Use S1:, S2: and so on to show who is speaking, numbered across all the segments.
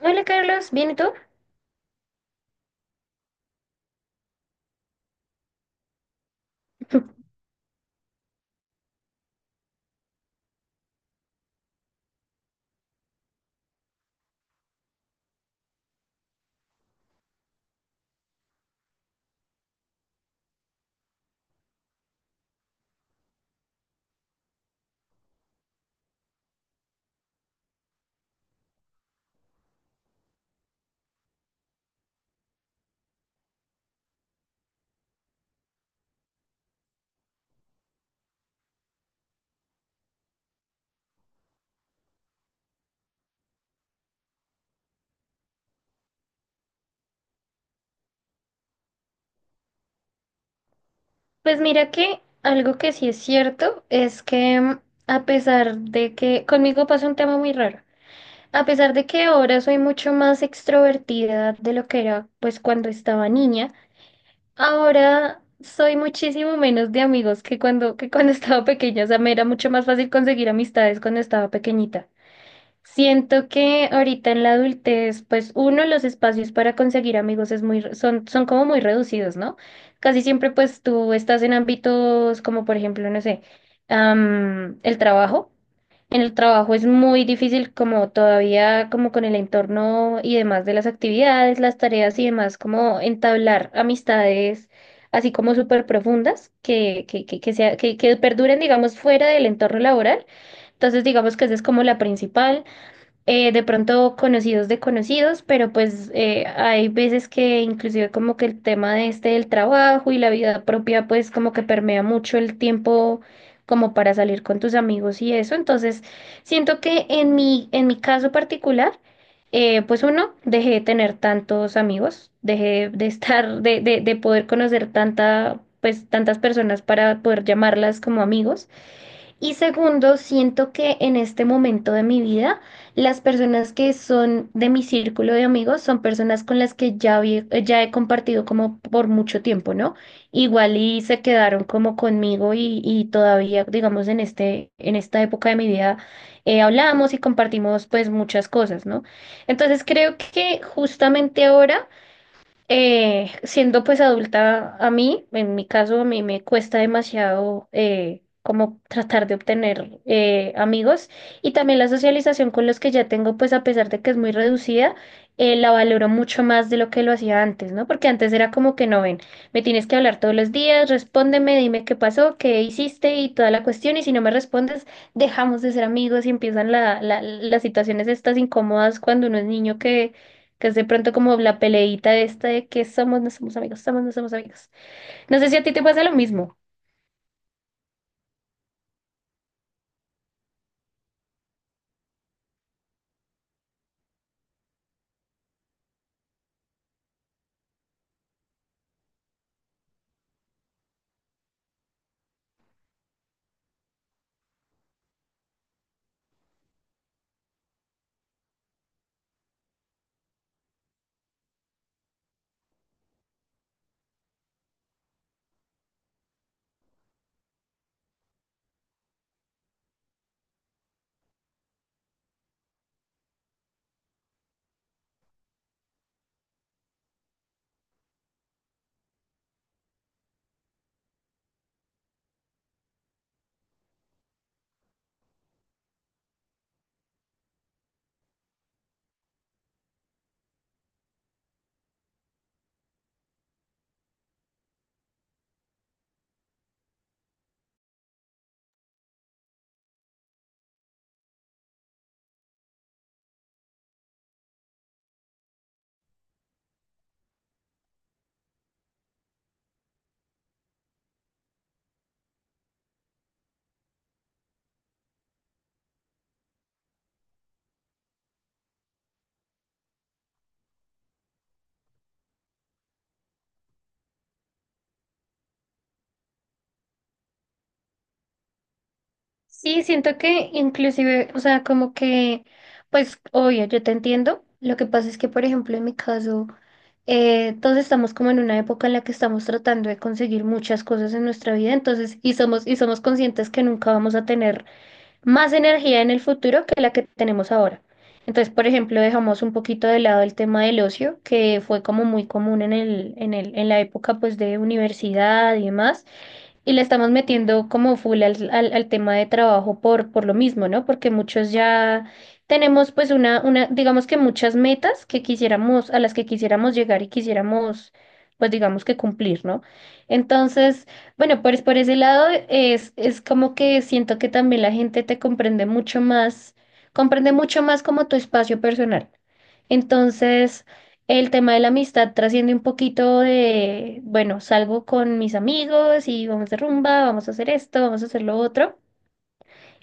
S1: Hola Carlos, ¿bien y tú? Pues mira que algo que sí es cierto es que a pesar de que conmigo pasa un tema muy raro, a pesar de que ahora soy mucho más extrovertida de lo que era pues cuando estaba niña, ahora soy muchísimo menos de amigos que cuando estaba pequeña, o sea, me era mucho más fácil conseguir amistades cuando estaba pequeñita. Siento que ahorita en la adultez, pues uno, los espacios para conseguir amigos es muy, son como muy reducidos, ¿no? Casi siempre pues tú estás en ámbitos como por ejemplo, no sé, el trabajo. En el trabajo es muy difícil como todavía como con el entorno y demás de las actividades, las tareas y demás, como entablar amistades así como súper profundas que, sea- que perduren digamos fuera del entorno laboral. Entonces digamos que esa es como la principal de pronto conocidos de conocidos, pero pues hay veces que inclusive como que el tema de este del trabajo y la vida propia pues como que permea mucho el tiempo como para salir con tus amigos y eso. Entonces, siento que en mi caso particular, pues uno, dejé de tener tantos amigos, dejé de poder conocer pues tantas personas para poder llamarlas como amigos. Y segundo, siento que en este momento de mi vida, las personas que son de mi círculo de amigos son personas con las que ya, ya he compartido como por mucho tiempo, ¿no? Igual y se quedaron como conmigo y todavía, digamos, en esta época de mi vida hablamos y compartimos pues muchas cosas, ¿no? Entonces creo que justamente ahora siendo pues adulta, a mí, en mi caso, a mí me cuesta demasiado como tratar de obtener amigos y también la socialización con los que ya tengo, pues a pesar de que es muy reducida, la valoro mucho más de lo que lo hacía antes, ¿no? Porque antes era como que no ven, me tienes que hablar todos los días, respóndeme, dime qué pasó, qué hiciste y toda la cuestión y si no me respondes, dejamos de ser amigos y empiezan las situaciones estas incómodas cuando uno es niño que es de pronto como la peleita esta de que somos, no somos amigos, somos, no somos amigos. No sé si a ti te pasa lo mismo. Sí, siento que inclusive, o sea, como que, pues, obvio, yo te entiendo. Lo que pasa es que, por ejemplo, en mi caso, todos estamos como en una época en la que estamos tratando de conseguir muchas cosas en nuestra vida, entonces, y somos conscientes que nunca vamos a tener más energía en el futuro que la que tenemos ahora. Entonces, por ejemplo, dejamos un poquito de lado el tema del ocio, que fue como muy común en la época pues de universidad y demás, y le estamos metiendo como full al tema de trabajo por lo mismo, ¿no? Porque muchos ya tenemos pues una, digamos que muchas metas que quisiéramos, a las que quisiéramos llegar y quisiéramos, pues digamos que cumplir, ¿no? Entonces, bueno, pues por ese lado es como que siento que también la gente te comprende mucho más como tu espacio personal. Entonces, el tema de la amistad trasciende un poquito de, bueno, salgo con mis amigos y vamos de rumba, vamos a hacer esto, vamos a hacer lo otro.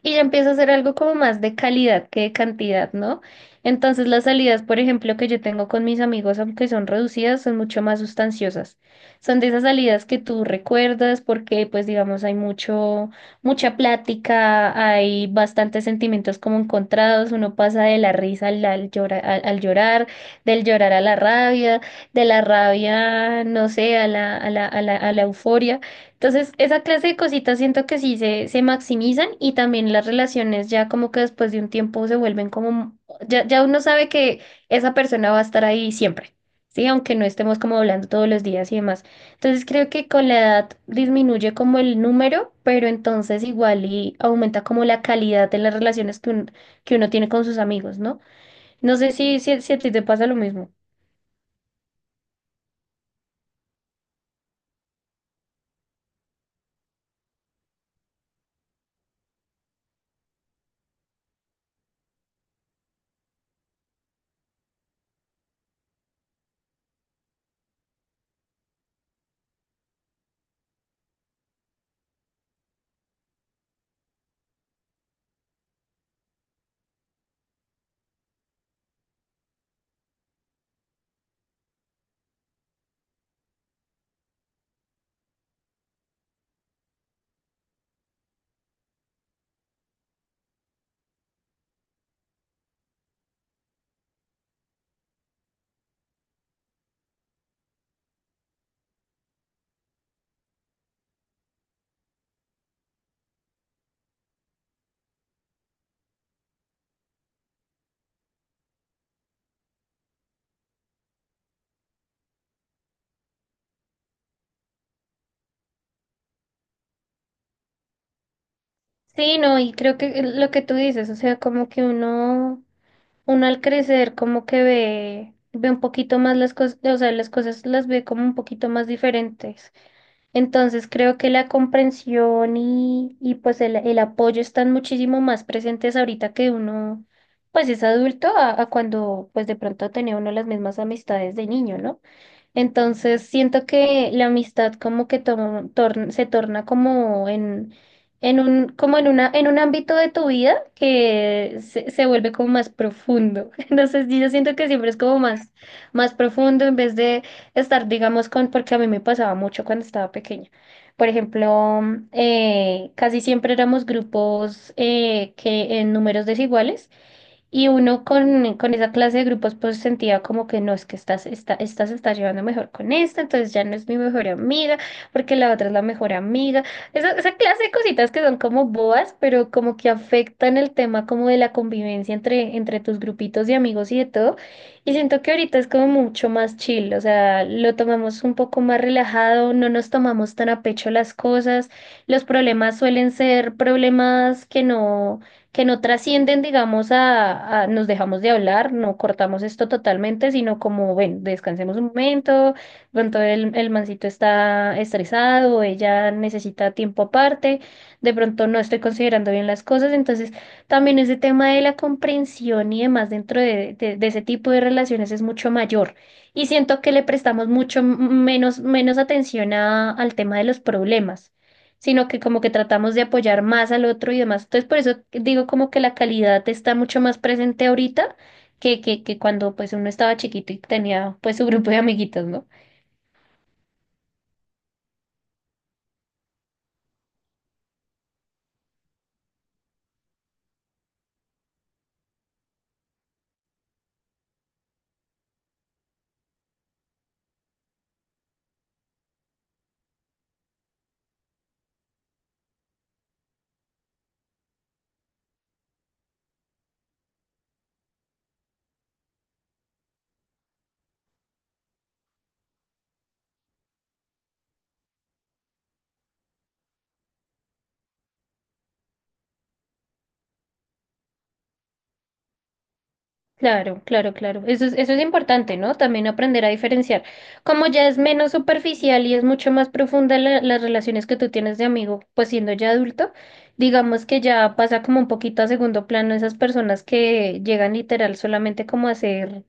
S1: Y ya empieza a ser algo como más de calidad que de cantidad, ¿no? Entonces las salidas, por ejemplo, que yo tengo con mis amigos, aunque son reducidas, son mucho más sustanciosas. Son de esas salidas que tú recuerdas porque, pues, digamos, hay mucho, mucha plática, hay bastantes sentimientos como encontrados, uno pasa de la risa al llorar, del llorar a la rabia, de la rabia, no sé, a la euforia. Entonces, esa clase de cositas siento que se maximizan y también las relaciones ya como que después de un tiempo se vuelven como, ya uno sabe que esa persona va a estar ahí siempre, ¿sí? Aunque no estemos como hablando todos los días y demás. Entonces, creo que con la edad disminuye como el número, pero entonces igual y aumenta como la calidad de las relaciones que uno tiene con sus amigos, ¿no? No sé si a ti te pasa lo mismo. Sí, no, y creo que lo que tú dices, o sea, como que uno... Uno al crecer como que ve un poquito más las cosas, o sea, las cosas las ve como un poquito más diferentes. Entonces creo que la comprensión y pues el apoyo están muchísimo más presentes ahorita que uno pues es adulto a cuando pues de pronto tenía uno las mismas amistades de niño, ¿no? Entonces siento que la amistad como que se torna como en un, como en una, en un ámbito de tu vida que se vuelve como más profundo. Entonces yo siento que siempre es como más, más profundo en vez de estar, digamos, con, porque a mí me pasaba mucho cuando estaba pequeña. Por ejemplo, casi siempre éramos grupos que en números desiguales. Y uno con esa clase de grupos pues sentía como que no, es que esta se está llevando mejor con esta, entonces ya no es mi mejor amiga, porque la otra es la mejor amiga. Esa clase de cositas que son como boas, pero como que afectan el tema como de la convivencia entre tus grupitos de amigos y de todo. Y siento que ahorita es como mucho más chill, o sea, lo tomamos un poco más relajado, no nos tomamos tan a pecho las cosas, los problemas suelen ser problemas que no trascienden, digamos, nos dejamos de hablar, no cortamos esto totalmente, sino como, ven, descansemos un momento, pronto el mancito está estresado, ella necesita tiempo aparte, de pronto no estoy considerando bien las cosas, entonces también ese tema de la comprensión y demás dentro de ese tipo de relaciones es mucho mayor. Y siento que le prestamos mucho menos atención al tema de los problemas sino que como que tratamos de apoyar más al otro y demás. Entonces, por eso digo como que la calidad está mucho más presente ahorita que cuando pues uno estaba chiquito y tenía pues su grupo de amiguitos, ¿no? Claro, claro, claro. Eso es importante, ¿no? También aprender a diferenciar. Como ya es menos superficial y es mucho más profunda las relaciones que tú tienes de amigo, pues siendo ya adulto, digamos que ya pasa como un poquito a segundo plano esas personas que llegan literal solamente como a ser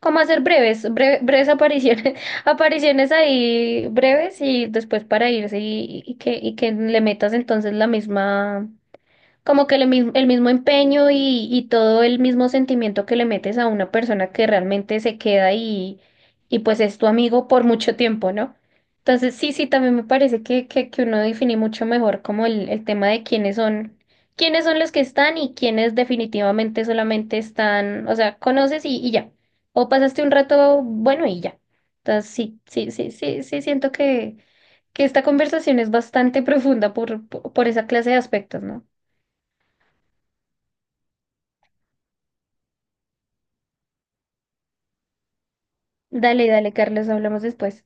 S1: como hacer breves apariciones, apariciones ahí breves y después para irse y y que le metas entonces la misma. Como que el mismo empeño y todo el mismo sentimiento que le metes a una persona que realmente se queda y pues es tu amigo por mucho tiempo, ¿no? Entonces sí, sí, también me parece que uno define mucho mejor como el tema de quiénes son los que están y quiénes definitivamente solamente están, o sea, conoces y ya. O pasaste un rato bueno y ya. Entonces sí, sí, sí, sí, sí, siento que esta conversación es bastante profunda por esa clase de aspectos, ¿no? Dale, dale, Carlos, hablamos después.